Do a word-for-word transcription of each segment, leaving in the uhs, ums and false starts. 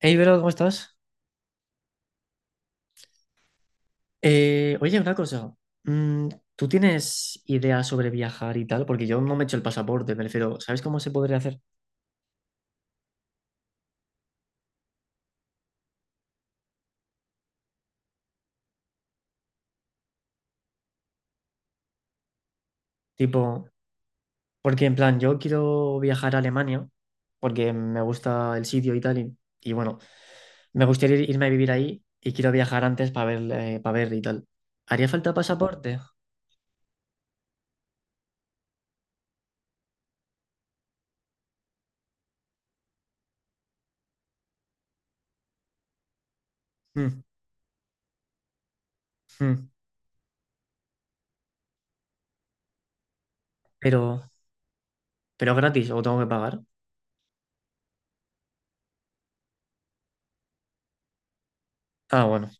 Hey, Vero, ¿cómo estás? Eh, oye, una cosa. Mm, ¿tú tienes ideas sobre viajar y tal? Porque yo no me he hecho el pasaporte, me refiero. ¿Sabes cómo se podría hacer? Tipo, porque en plan, yo quiero viajar a Alemania porque me gusta el sitio y tal. Y, y bueno, me gustaría ir- irme a vivir ahí y quiero viajar antes para ver, eh, pa' ver y tal. ¿Haría falta pasaporte? Mm, mm, Pero, pero gratis o tengo que pagar. Ah, bueno.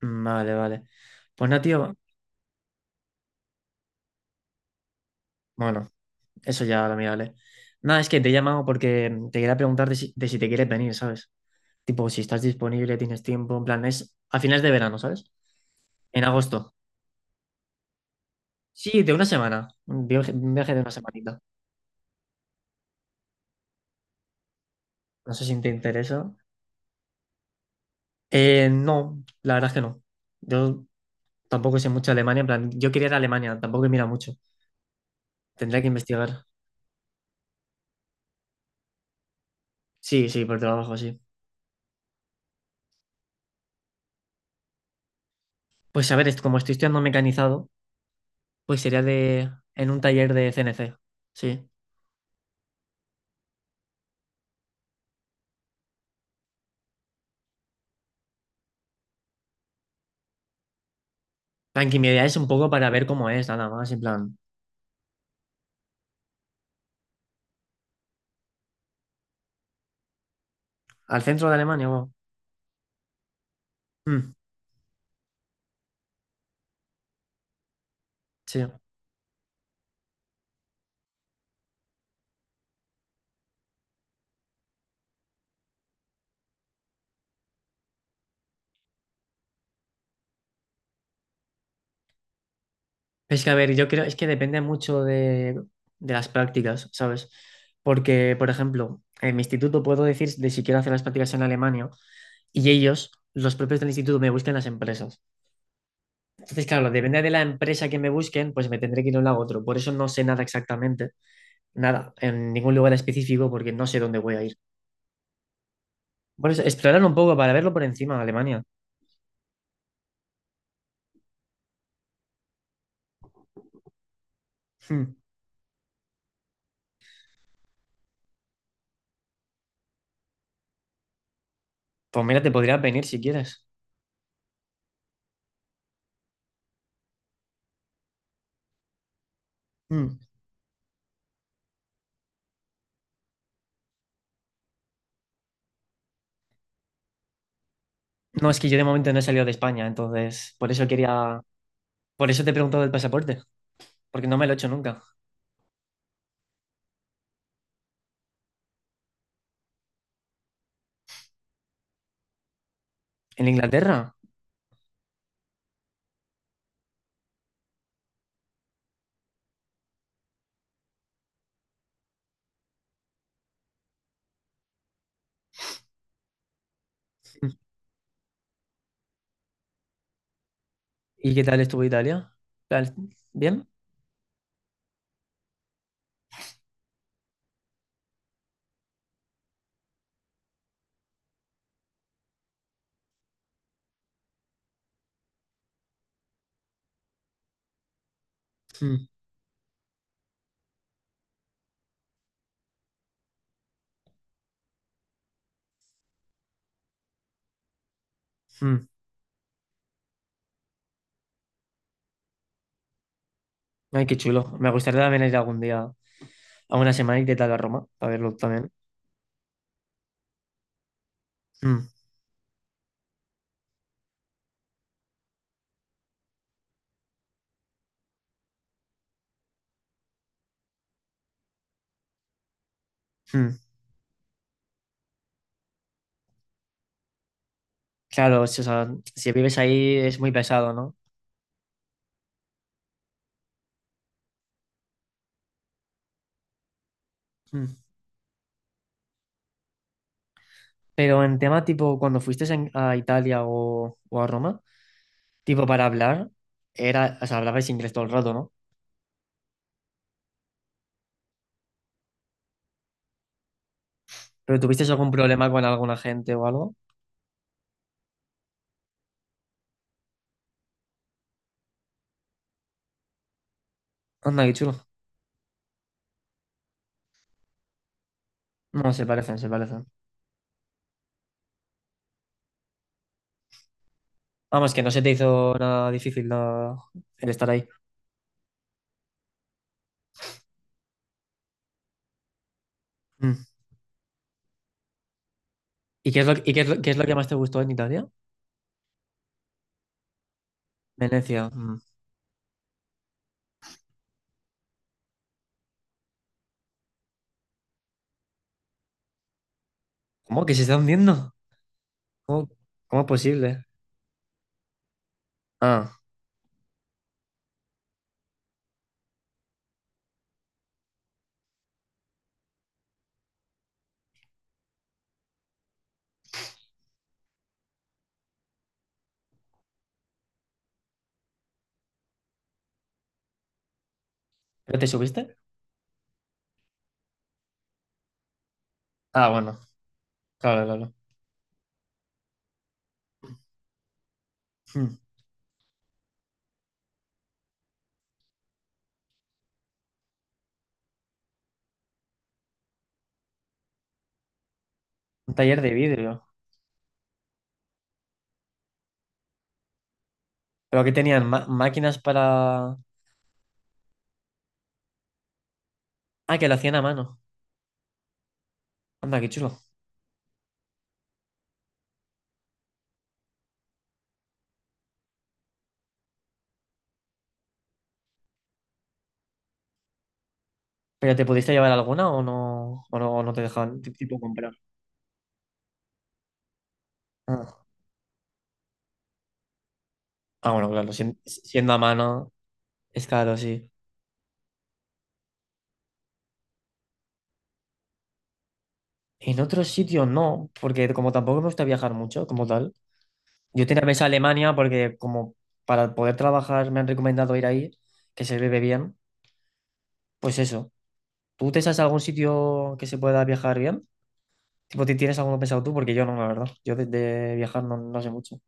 mm, Vale, vale. Pues nada, tío. Bueno. Eso ya lo miraré. Nada, es que te he llamado porque te quería preguntar de si, de si te quieres venir, ¿sabes? Tipo, si estás disponible, tienes tiempo, en plan, es a finales de verano, ¿sabes? En agosto. Sí, de una semana. Un viaje, un viaje de una semanita. No sé si te interesa. Eh, no, la verdad es que no. Yo tampoco sé mucho de Alemania, en plan, yo quería ir a Alemania, tampoco he mirado mucho. Tendría que investigar. Sí, sí, por trabajo, sí. Pues a ver, es- como estoy estudiando mecanizado, pues sería de en un taller de C N C. Sí. Tranquimidad es un poco para ver cómo es, nada más, en plan, al centro de Alemania, wow. Mm, sí. Es que, a ver, yo creo, es que depende mucho de, de las prácticas, ¿sabes? Porque, por ejemplo, en mi instituto puedo decir de si quiero hacer las prácticas en Alemania y ellos, los propios del instituto, me buscan las empresas. Entonces, claro, depende de la empresa que me busquen, pues me tendré que ir a un lado a otro. Por eso no sé nada exactamente, nada, en ningún lugar específico, porque no sé dónde voy a ir. Por eso, explorar un poco para verlo por encima, de Alemania. Mm. Pues mira, te podría venir si quieres. Mm. No, es que yo de momento no he salido de España, entonces por eso quería, por eso te he preguntado del pasaporte, porque no me lo he hecho nunca. ¿En Inglaterra? ¿Y qué tal estuvo Italia? ¿Tal- ¿Bien? Mm, mm. Ay, qué chulo. Me gustaría también ir algún día a una semana y qué tal a Roma, para verlo también. Mm, mm. Claro, o sea, si vives ahí es muy pesado, ¿no? Mm. Pero en tema tipo, cuando fuiste en- a Italia o, o a Roma, tipo para hablar, era, o sea, hablabais inglés todo el rato, ¿no? ¿Pero tuvisteis algún problema con alguna gente o algo? Anda, qué chulo. No, se parecen, se parecen. Vamos, que no se te hizo nada difícil la- el estar ahí. Mm. ¿Y qué es lo, y qué es lo, qué es lo que más te gustó en Italia? Venecia. Mm. ¿Cómo? ¿Que se están viendo? ¿Cómo, ¿cómo es posible? Ah, ¿pero te subiste? Ah, bueno, claro, claro. Mm. Un taller de vidrio. ¿Pero que tenían? Ma- ¿Máquinas para...? Ah, que lo hacían a mano. Anda, qué chulo. ¿Pero te pudiste llevar alguna o no, o no, o no te dejaban t- tipo comprar? Ah, Ah, bueno, claro, sien- siendo a mano... Es caro, sí. En otros sitios no, porque como tampoco me gusta viajar mucho, como tal. Yo tenía pensado Alemania porque como para poder trabajar me han recomendado ir ahí, que se vive bien. Pues eso. ¿Tú te sabes algún sitio que se pueda viajar bien? Tipo, ¿ti- ¿tienes alguno pensado tú? Porque yo no, la verdad. Yo de, de viajar no, no sé mucho.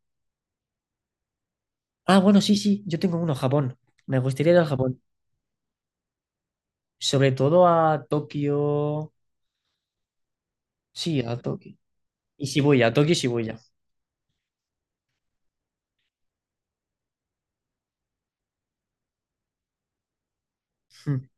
Ah, bueno, sí, sí. Yo tengo uno, Japón. Me gustaría ir a Japón. Sobre todo a Tokio. Sí, a Tokio. Y Shibuya, a Tokio y Shibuya. Mm.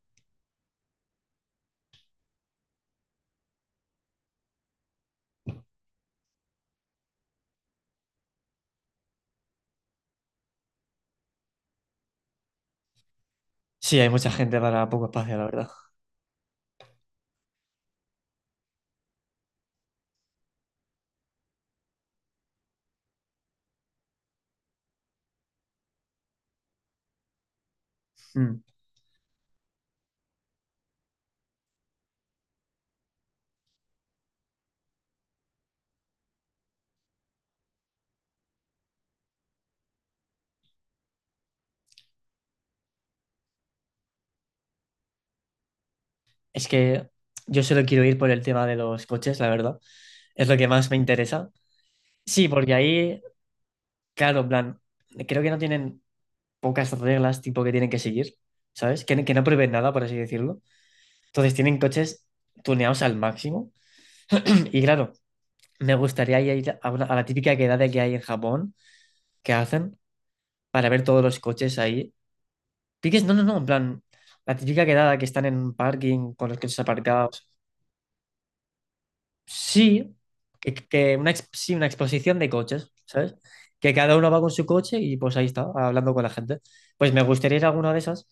Sí, hay mucha gente para poco espacio, la verdad. Mm. Es que yo solo quiero ir por el tema de los coches, la verdad. Es lo que más me interesa. Sí, porque ahí, claro, en plan, creo que no tienen pocas reglas tipo que tienen que seguir, ¿sabes? Que, que no prohíben nada, por así decirlo. Entonces tienen coches tuneados al máximo. Y claro, me gustaría ir a, una- a la típica quedada que hay en Japón, que hacen para ver todos los coches ahí. Piques, no, no, no, en plan, la típica quedada que están en un parking con los coches aparcados. Sí, que, que una, ex- sí, una exposición de coches, ¿sabes? Que cada uno va con su coche y pues ahí está, hablando con la gente. Pues me gustaría ir a alguna de esas,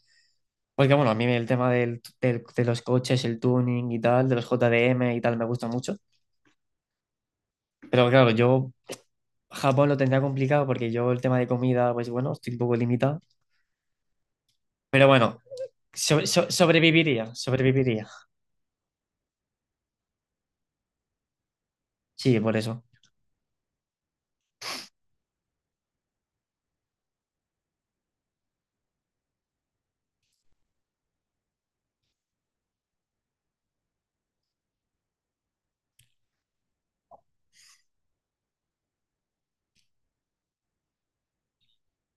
porque bueno, a mí el tema del- del- de los coches, el tuning y tal, de los J D M y tal, me gusta mucho. Pero claro, yo Japón lo tendría complicado porque yo el tema de comida, pues bueno, estoy un poco limitado. Pero bueno, so- so- sobreviviría, sobreviviría. Sí, por eso.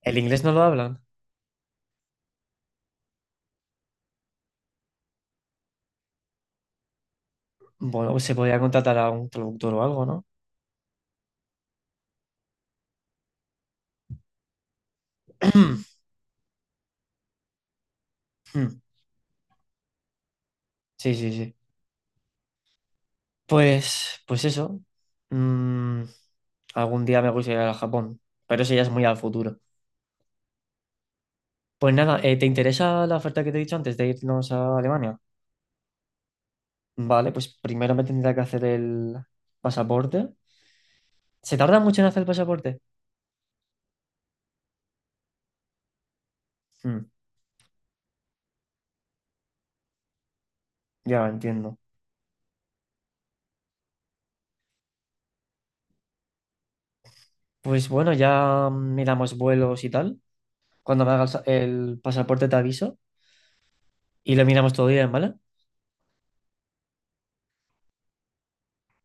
¿El inglés no lo hablan? Bueno, pues se podría contratar a un traductor o algo, ¿no? Mm, Sí, sí, sí. Pues, pues eso. Mm, algún día me gustaría ir a Japón, pero eso ya es muy al futuro. Pues nada, eh, ¿te interesa la oferta que te he dicho antes de irnos a Alemania? Vale, pues primero me tendría que hacer el pasaporte. ¿Se tarda mucho en hacer el pasaporte? Mm, ya entiendo. Pues bueno, ya miramos vuelos y tal. Cuando me hagas el pasaporte te aviso y lo miramos todo bien, ¿vale?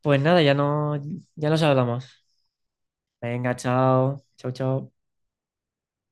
Pues nada, ya no, ya nos hablamos. Venga, chao. Chao, chao.